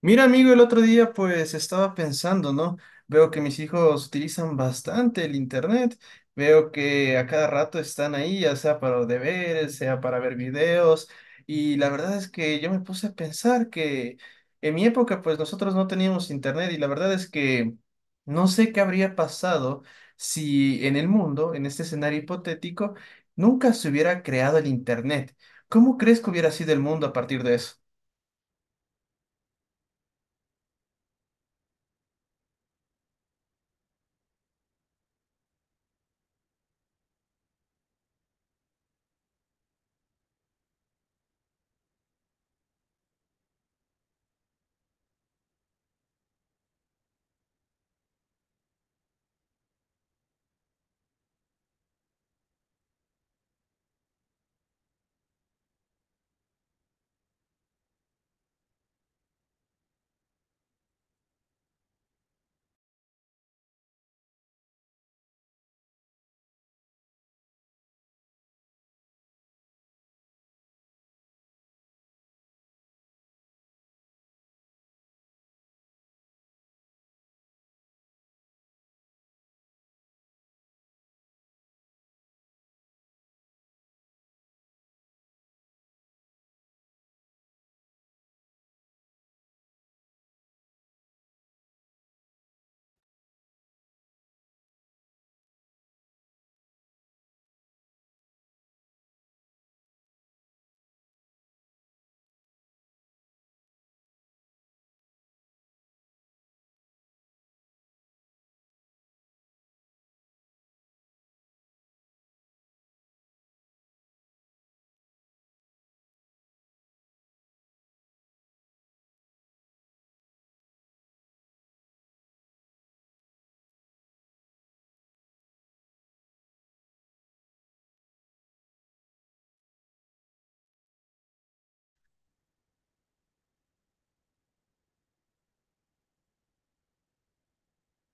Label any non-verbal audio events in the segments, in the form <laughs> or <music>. Mira, amigo, el otro día pues estaba pensando, ¿no? Veo que mis hijos utilizan bastante el internet, veo que a cada rato están ahí, ya sea para los deberes, sea para ver videos, y la verdad es que yo me puse a pensar que en mi época pues nosotros no teníamos internet y la verdad es que no sé qué habría pasado si en el mundo, en este escenario hipotético, nunca se hubiera creado el internet. ¿Cómo crees que hubiera sido el mundo a partir de eso?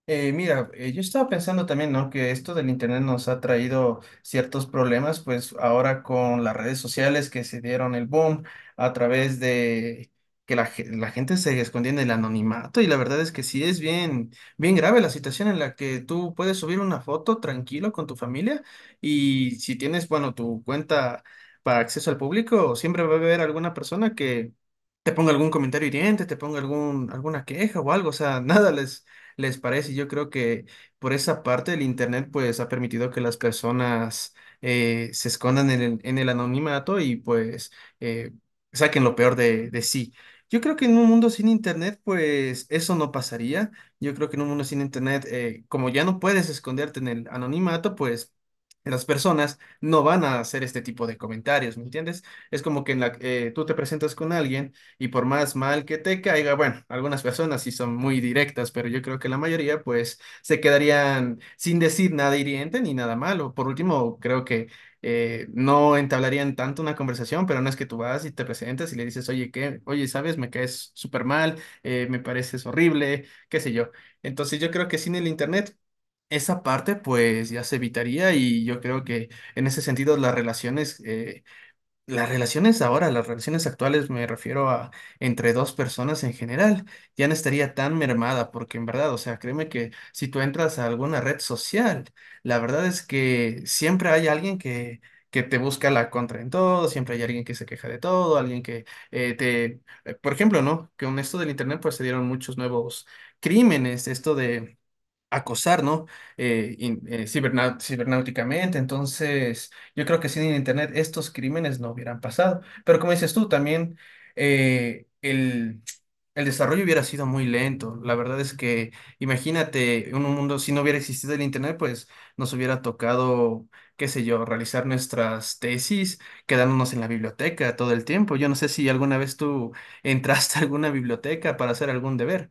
Yo estaba pensando también, ¿no? Que esto del internet nos ha traído ciertos problemas, pues ahora con las redes sociales que se dieron el boom a través de que la gente se escondía en el anonimato y la verdad es que sí es bien grave la situación en la que tú puedes subir una foto tranquilo con tu familia y si tienes, bueno, tu cuenta para acceso al público, siempre va a haber alguna persona que te ponga algún comentario hiriente, te ponga alguna queja o algo, o sea, <laughs> nada les parece. Yo creo que por esa parte el Internet pues ha permitido que las personas se escondan en en el anonimato y pues eh, saquen lo peor de sí. Yo creo que en un mundo sin Internet pues eso no pasaría. Yo creo que en un mundo sin Internet, como ya no puedes esconderte en el anonimato pues... Las personas no van a hacer este tipo de comentarios, ¿me entiendes? Es como que tú te presentas con alguien y por más mal que te caiga, bueno, algunas personas sí son muy directas, pero yo creo que la mayoría pues se quedarían sin decir nada hiriente ni nada malo. Por último, creo que no entablarían tanto una conversación, pero no es que tú vas y te presentas y le dices, oye, ¿qué? Oye, ¿sabes? Me caes súper mal, me pareces horrible, qué sé yo. Entonces yo creo que sin el internet... Esa parte pues ya se evitaría y yo creo que en ese sentido las relaciones actuales, me refiero a entre dos personas en general, ya no estaría tan mermada, porque en verdad, o sea, créeme que si tú entras a alguna red social, la verdad es que siempre hay alguien que te busca la contra en todo, siempre hay alguien que se queja de todo, alguien que por ejemplo, ¿no? Que con esto del internet, pues se dieron muchos nuevos crímenes, esto de acosar, ¿no? Cibernáuticamente. Entonces, yo creo que sin el Internet estos crímenes no hubieran pasado. Pero como dices tú, también eh, el, el desarrollo hubiera sido muy lento. La verdad es que, imagínate, en un mundo, si no hubiera existido el Internet, pues nos hubiera tocado, qué sé yo, realizar nuestras tesis, quedándonos en la biblioteca todo el tiempo. Yo no sé si alguna vez tú entraste <laughs> a alguna biblioteca para hacer algún deber.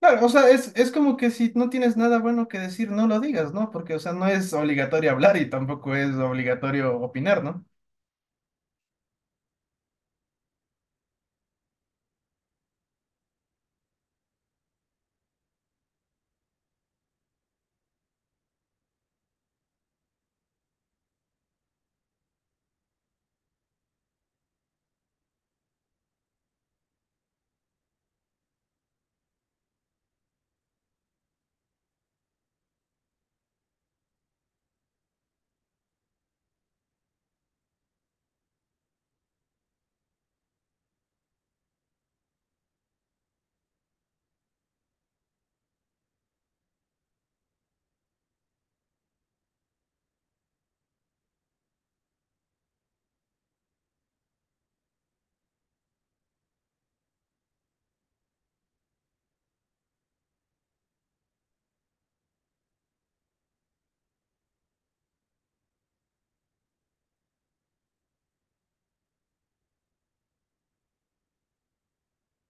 Claro, o sea, es como que si no tienes nada bueno que decir, no lo digas, ¿no? Porque, o sea, no es obligatorio hablar y tampoco es obligatorio opinar, ¿no?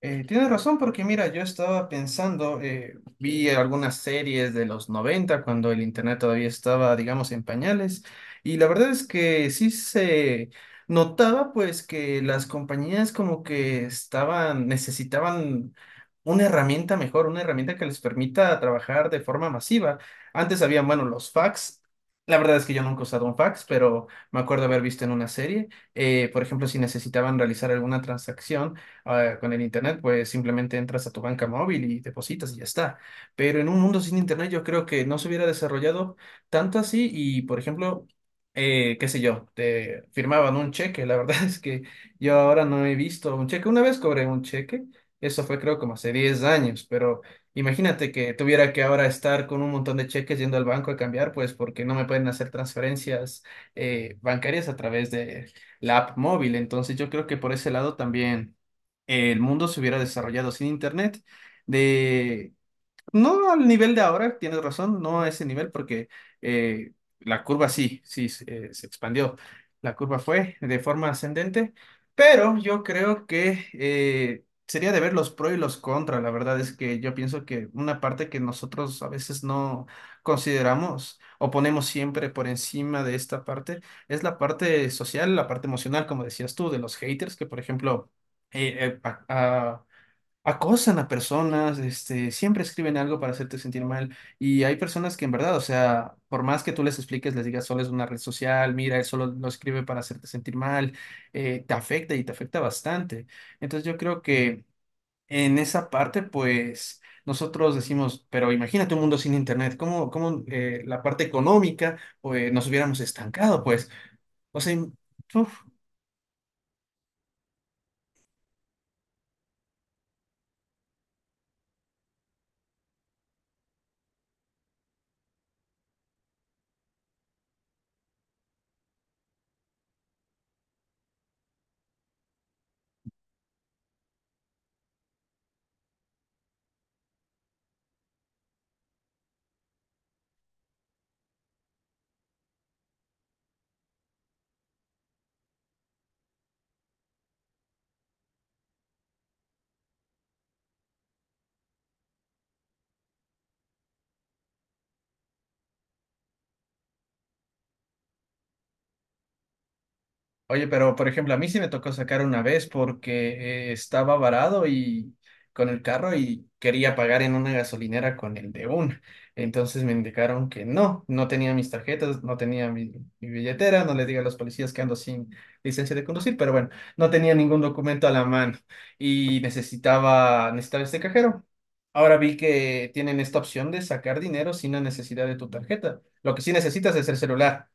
Tienes razón, porque mira, yo estaba pensando, vi algunas series de los 90 cuando el internet todavía estaba, digamos, en pañales, y la verdad es que sí se notaba pues que las compañías como que estaban, necesitaban una herramienta mejor, una herramienta que les permita trabajar de forma masiva. Antes había, bueno, los fax. La verdad es que yo nunca he usado un fax, pero me acuerdo haber visto en una serie, por ejemplo, si necesitaban realizar alguna transacción. Ahora, con el internet, pues simplemente entras a tu banca móvil y depositas y ya está. Pero en un mundo sin internet yo creo que no se hubiera desarrollado tanto así y, por ejemplo, qué sé yo, te firmaban un cheque. La verdad <laughs> es que yo ahora no he visto un cheque. Una vez cobré un cheque, eso fue creo como hace 10 años, pero imagínate que tuviera que ahora estar con un montón de cheques yendo al banco a cambiar, pues porque no me pueden hacer transferencias bancarias a través de la app móvil. Entonces yo creo que por ese lado también el mundo se hubiera desarrollado sin internet, de no al nivel de ahora, tienes razón, no a ese nivel porque eh, la curva sí, se expandió. La curva fue de forma ascendente, pero yo creo que sería de ver los pros y los contras. La verdad es que yo pienso que una parte que nosotros a veces no consideramos o ponemos siempre por encima de esta parte es la parte social, la parte emocional, como decías tú, de los haters que, por ejemplo, eh, eh, a- a- acosan a personas, este, siempre escriben algo para hacerte sentir mal. Y hay personas que en verdad, o sea, por más que tú les expliques, les digas solo es una red social, mira, él solo lo escribe para hacerte sentir mal, te afecta y te afecta bastante. Entonces yo creo que en esa parte, pues nosotros decimos, pero imagínate un mundo sin internet, ¿cómo, cómo la parte económica, pues nos hubiéramos estancado, pues? O sea, uf. Oye, pero por ejemplo, a mí sí me tocó sacar una vez porque estaba varado y con el carro y quería pagar en una gasolinera con el de una. Entonces me indicaron que no, no tenía mis tarjetas, no tenía mi billetera, no le diga a los policías que ando sin licencia de conducir, pero bueno, no tenía ningún documento a la mano y necesitaba este cajero. Ahora vi que tienen esta opción de sacar dinero sin la necesidad de tu tarjeta. Lo que sí necesitas es el celular.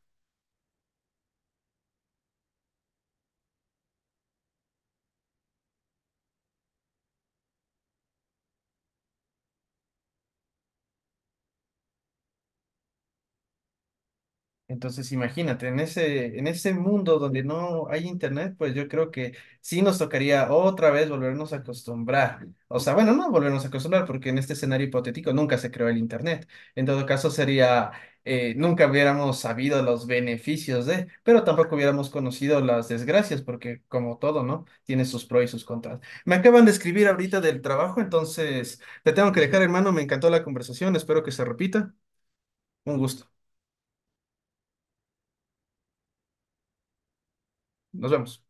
Entonces, imagínate, en en ese mundo donde no hay internet, pues yo creo que sí nos tocaría otra vez volvernos a acostumbrar. O sea, bueno, no volvernos a acostumbrar, porque en este escenario hipotético nunca se creó el internet. En todo caso, sería, nunca hubiéramos sabido los beneficios de, pero tampoco hubiéramos conocido las desgracias, porque como todo, ¿no? Tiene sus pros y sus contras. Me acaban de escribir ahorita del trabajo, entonces te tengo que dejar, hermano. Me encantó la conversación, espero que se repita. Un gusto. Nos vemos.